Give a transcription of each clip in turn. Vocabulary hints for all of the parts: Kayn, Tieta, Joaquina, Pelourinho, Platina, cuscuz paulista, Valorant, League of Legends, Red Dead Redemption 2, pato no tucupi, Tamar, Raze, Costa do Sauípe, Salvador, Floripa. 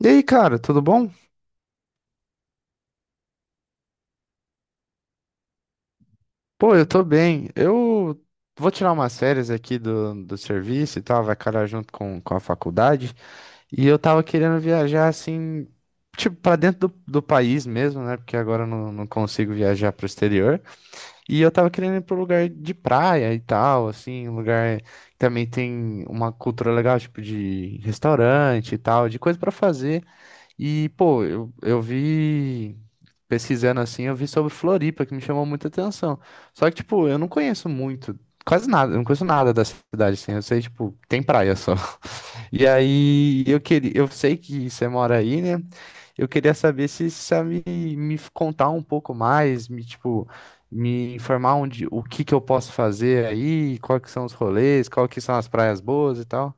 E aí, cara, tudo bom? Pô, eu tô bem. Eu vou tirar umas férias aqui do serviço e tal, vai calhar junto com a faculdade. E eu tava querendo viajar assim, tipo, pra dentro do país mesmo, né? Porque agora eu não consigo viajar pro exterior. E eu tava querendo ir pro lugar de praia e tal, assim, um lugar que também tem uma cultura legal, tipo, de restaurante e tal, de coisa pra fazer. E, pô, eu vi, pesquisando assim, eu vi sobre Floripa, que me chamou muita atenção. Só que, tipo, eu não conheço muito, quase nada, eu não conheço nada da cidade, assim, eu sei, tipo, tem praia só. E aí, eu queria, eu sei que você mora aí, né? Eu queria saber se você sabe me contar um pouco mais, me, tipo, me informar onde, o que que eu posso fazer aí, quais que são os rolês, quais que são as praias boas e tal.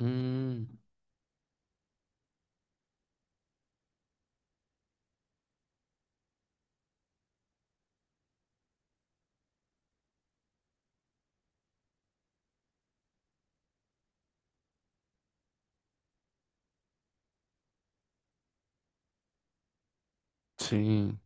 Hum, sim.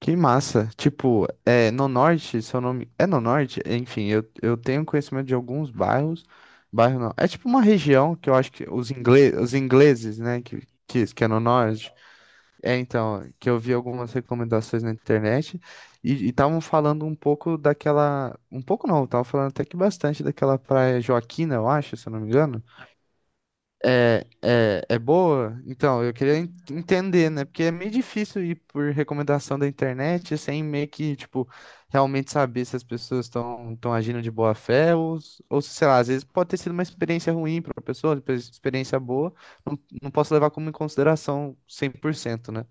Que massa. Tipo, é, no norte, seu nome. É no norte? Enfim, eu tenho conhecimento de alguns bairros. Bairro não. É tipo uma região que eu acho que os os ingleses, né? Que é no norte. É, então, que eu vi algumas recomendações na internet e estavam falando um pouco daquela. Um pouco não, estavam falando até que bastante daquela praia Joaquina, eu acho, se eu não me engano. É, é, é boa? Então, eu queria entender, né? Porque é meio difícil ir por recomendação da internet sem meio que, tipo, realmente saber se as pessoas estão agindo de boa fé ou, ou, se, sei lá, às vezes pode ter sido uma experiência ruim para a pessoa, depois experiência boa, não posso levar como em consideração 100%, né?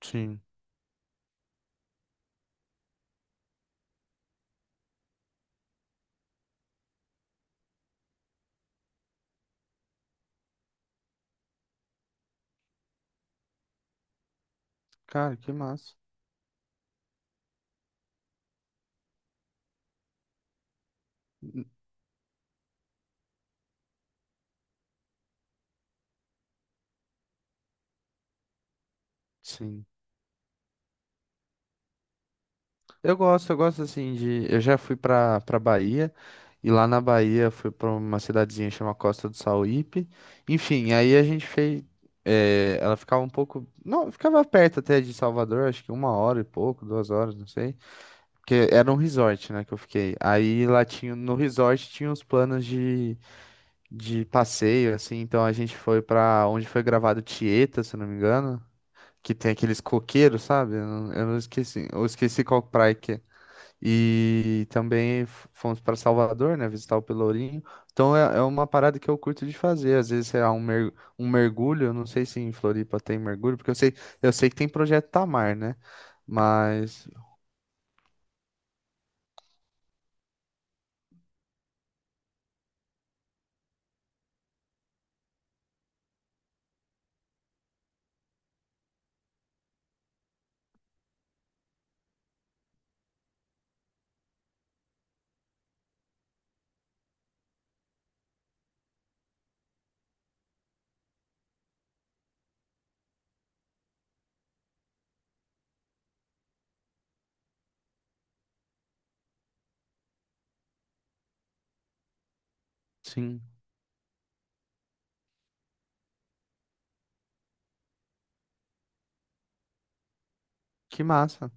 Sim. Cara, que massa. Hum, Sim. Eu gosto assim de. Eu já fui pra Bahia, e lá na Bahia fui pra uma cidadezinha chamada Costa do Sauípe. Enfim, aí a gente fez. Ela ficava um pouco. Não, ficava perto até de Salvador, acho que uma hora e pouco, duas horas, não sei. Porque era um resort, né, que eu fiquei. Aí lá tinha. No resort tinha os planos de passeio, assim. Então a gente foi pra onde foi gravado Tieta, se eu não me engano. Que tem aqueles coqueiros, sabe? Eu não esqueci. Eu esqueci qual praia que é. E também fomos para Salvador, né? Visitar o Pelourinho. Então é, é uma parada que eu curto de fazer. Às vezes, sei lá, um, mer um mergulho. Eu não sei se em Floripa tem mergulho, porque eu sei que tem projeto Tamar, né? Mas, sim, que massa.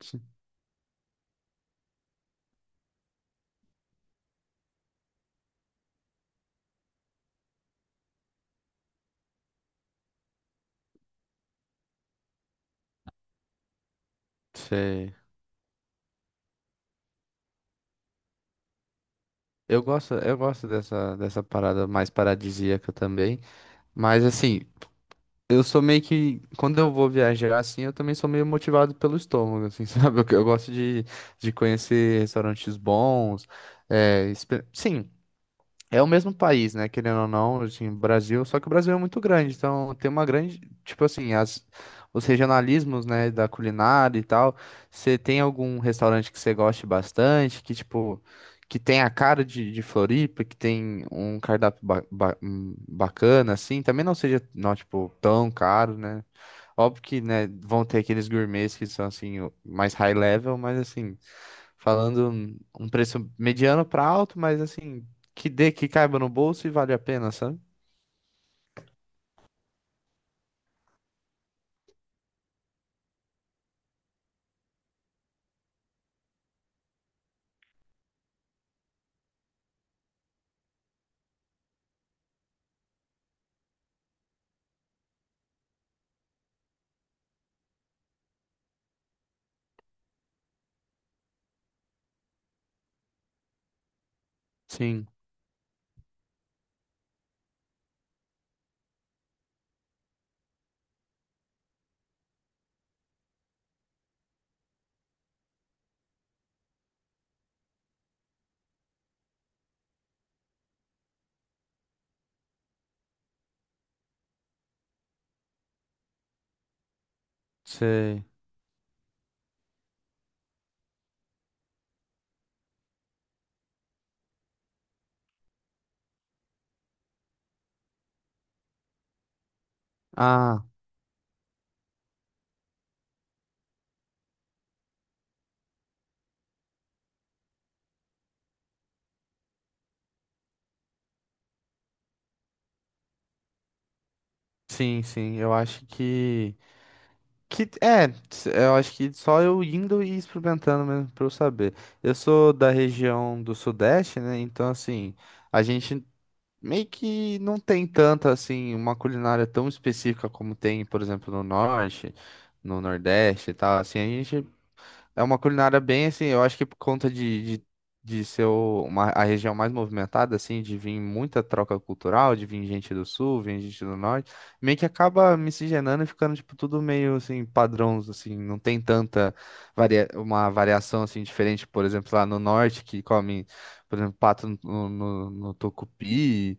Sim, sei. Eu gosto dessa, dessa parada mais paradisíaca também. Mas, assim, eu sou meio que, quando eu vou viajar assim, eu também sou meio motivado pelo estômago, assim, sabe? Eu gosto de conhecer restaurantes bons, é, sim, é o mesmo país, né? Querendo ou não, assim, Brasil, só que o Brasil é muito grande, então tem uma grande, tipo assim, as, os regionalismos, né, da culinária e tal. Você tem algum restaurante que você goste bastante, que tipo, que tem a cara de Floripa, que tem um cardápio bacana, assim, também não seja, não, tipo, tão caro, né? Óbvio que, né, vão ter aqueles gourmets que são, assim, mais high level, mas, assim, falando um preço mediano para alto, mas, assim, que dê, que caiba no bolso e vale a pena, sabe? Sim, sei. Ah, sim, sim, eu acho que é, eu acho que só eu indo e experimentando mesmo pra eu saber. Eu sou da região do Sudeste, né, então, assim, a gente meio que não tem tanta, assim, uma culinária tão específica como tem, por exemplo, no Norte, no Nordeste e tal. Assim, a gente é uma culinária bem, assim, eu acho que por conta de ser uma, a região mais movimentada, assim, de vir muita troca cultural, de vir gente do Sul, vir gente do Norte, meio que acaba miscigenando e ficando, tipo, tudo meio, assim, padrões, assim, não tem tanta varia uma variação, assim, diferente, por exemplo, lá no Norte, que come, por exemplo, pato no tucupi,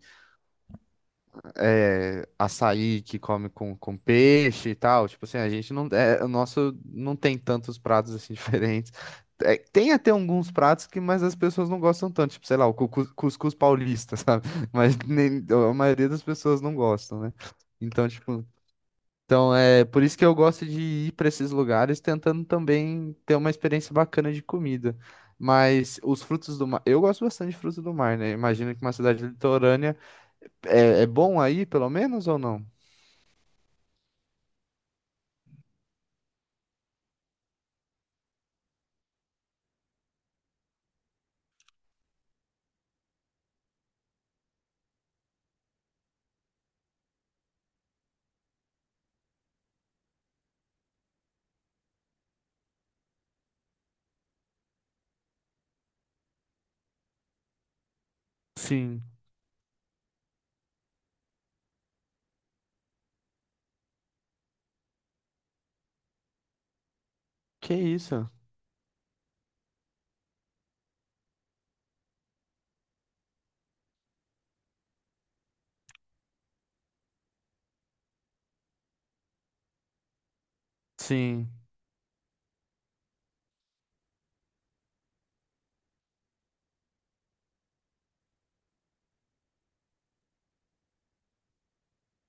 é, açaí que come com peixe e tal. Tipo assim, a gente não. É, o nosso não tem tantos pratos assim diferentes. É, tem até alguns pratos que, mas as pessoas não gostam tanto. Tipo, sei lá, o cuscuz paulista, sabe? Mas nem, a maioria das pessoas não gostam, né? Então, tipo. Então, é por isso que eu gosto de ir para esses lugares tentando também ter uma experiência bacana de comida. Mas os frutos do mar, eu gosto bastante de frutos do mar, né? Imagino que uma cidade litorânea é, é bom aí, pelo menos, ou não? Sim. Que isso? Sim,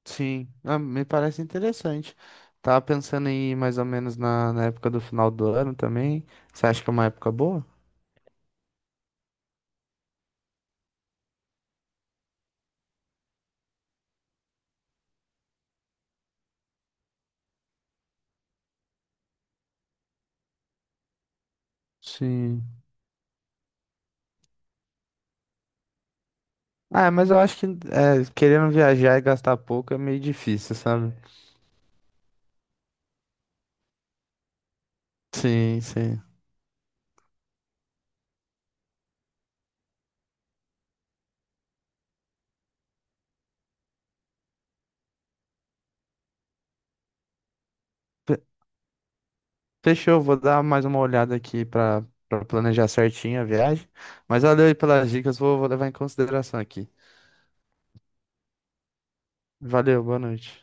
sim. Ah, me parece interessante. Tava pensando em ir mais ou menos na, na época do final do ano também. Você acha que é uma época boa? Sim. Ah, mas eu acho que é, querendo viajar e gastar pouco é meio difícil, sabe? Sim, sim. Fe- Fechou, vou dar mais uma olhada aqui pra planejar certinho a viagem. Mas valeu aí pelas dicas, vou, vou levar em consideração aqui. Valeu, boa noite.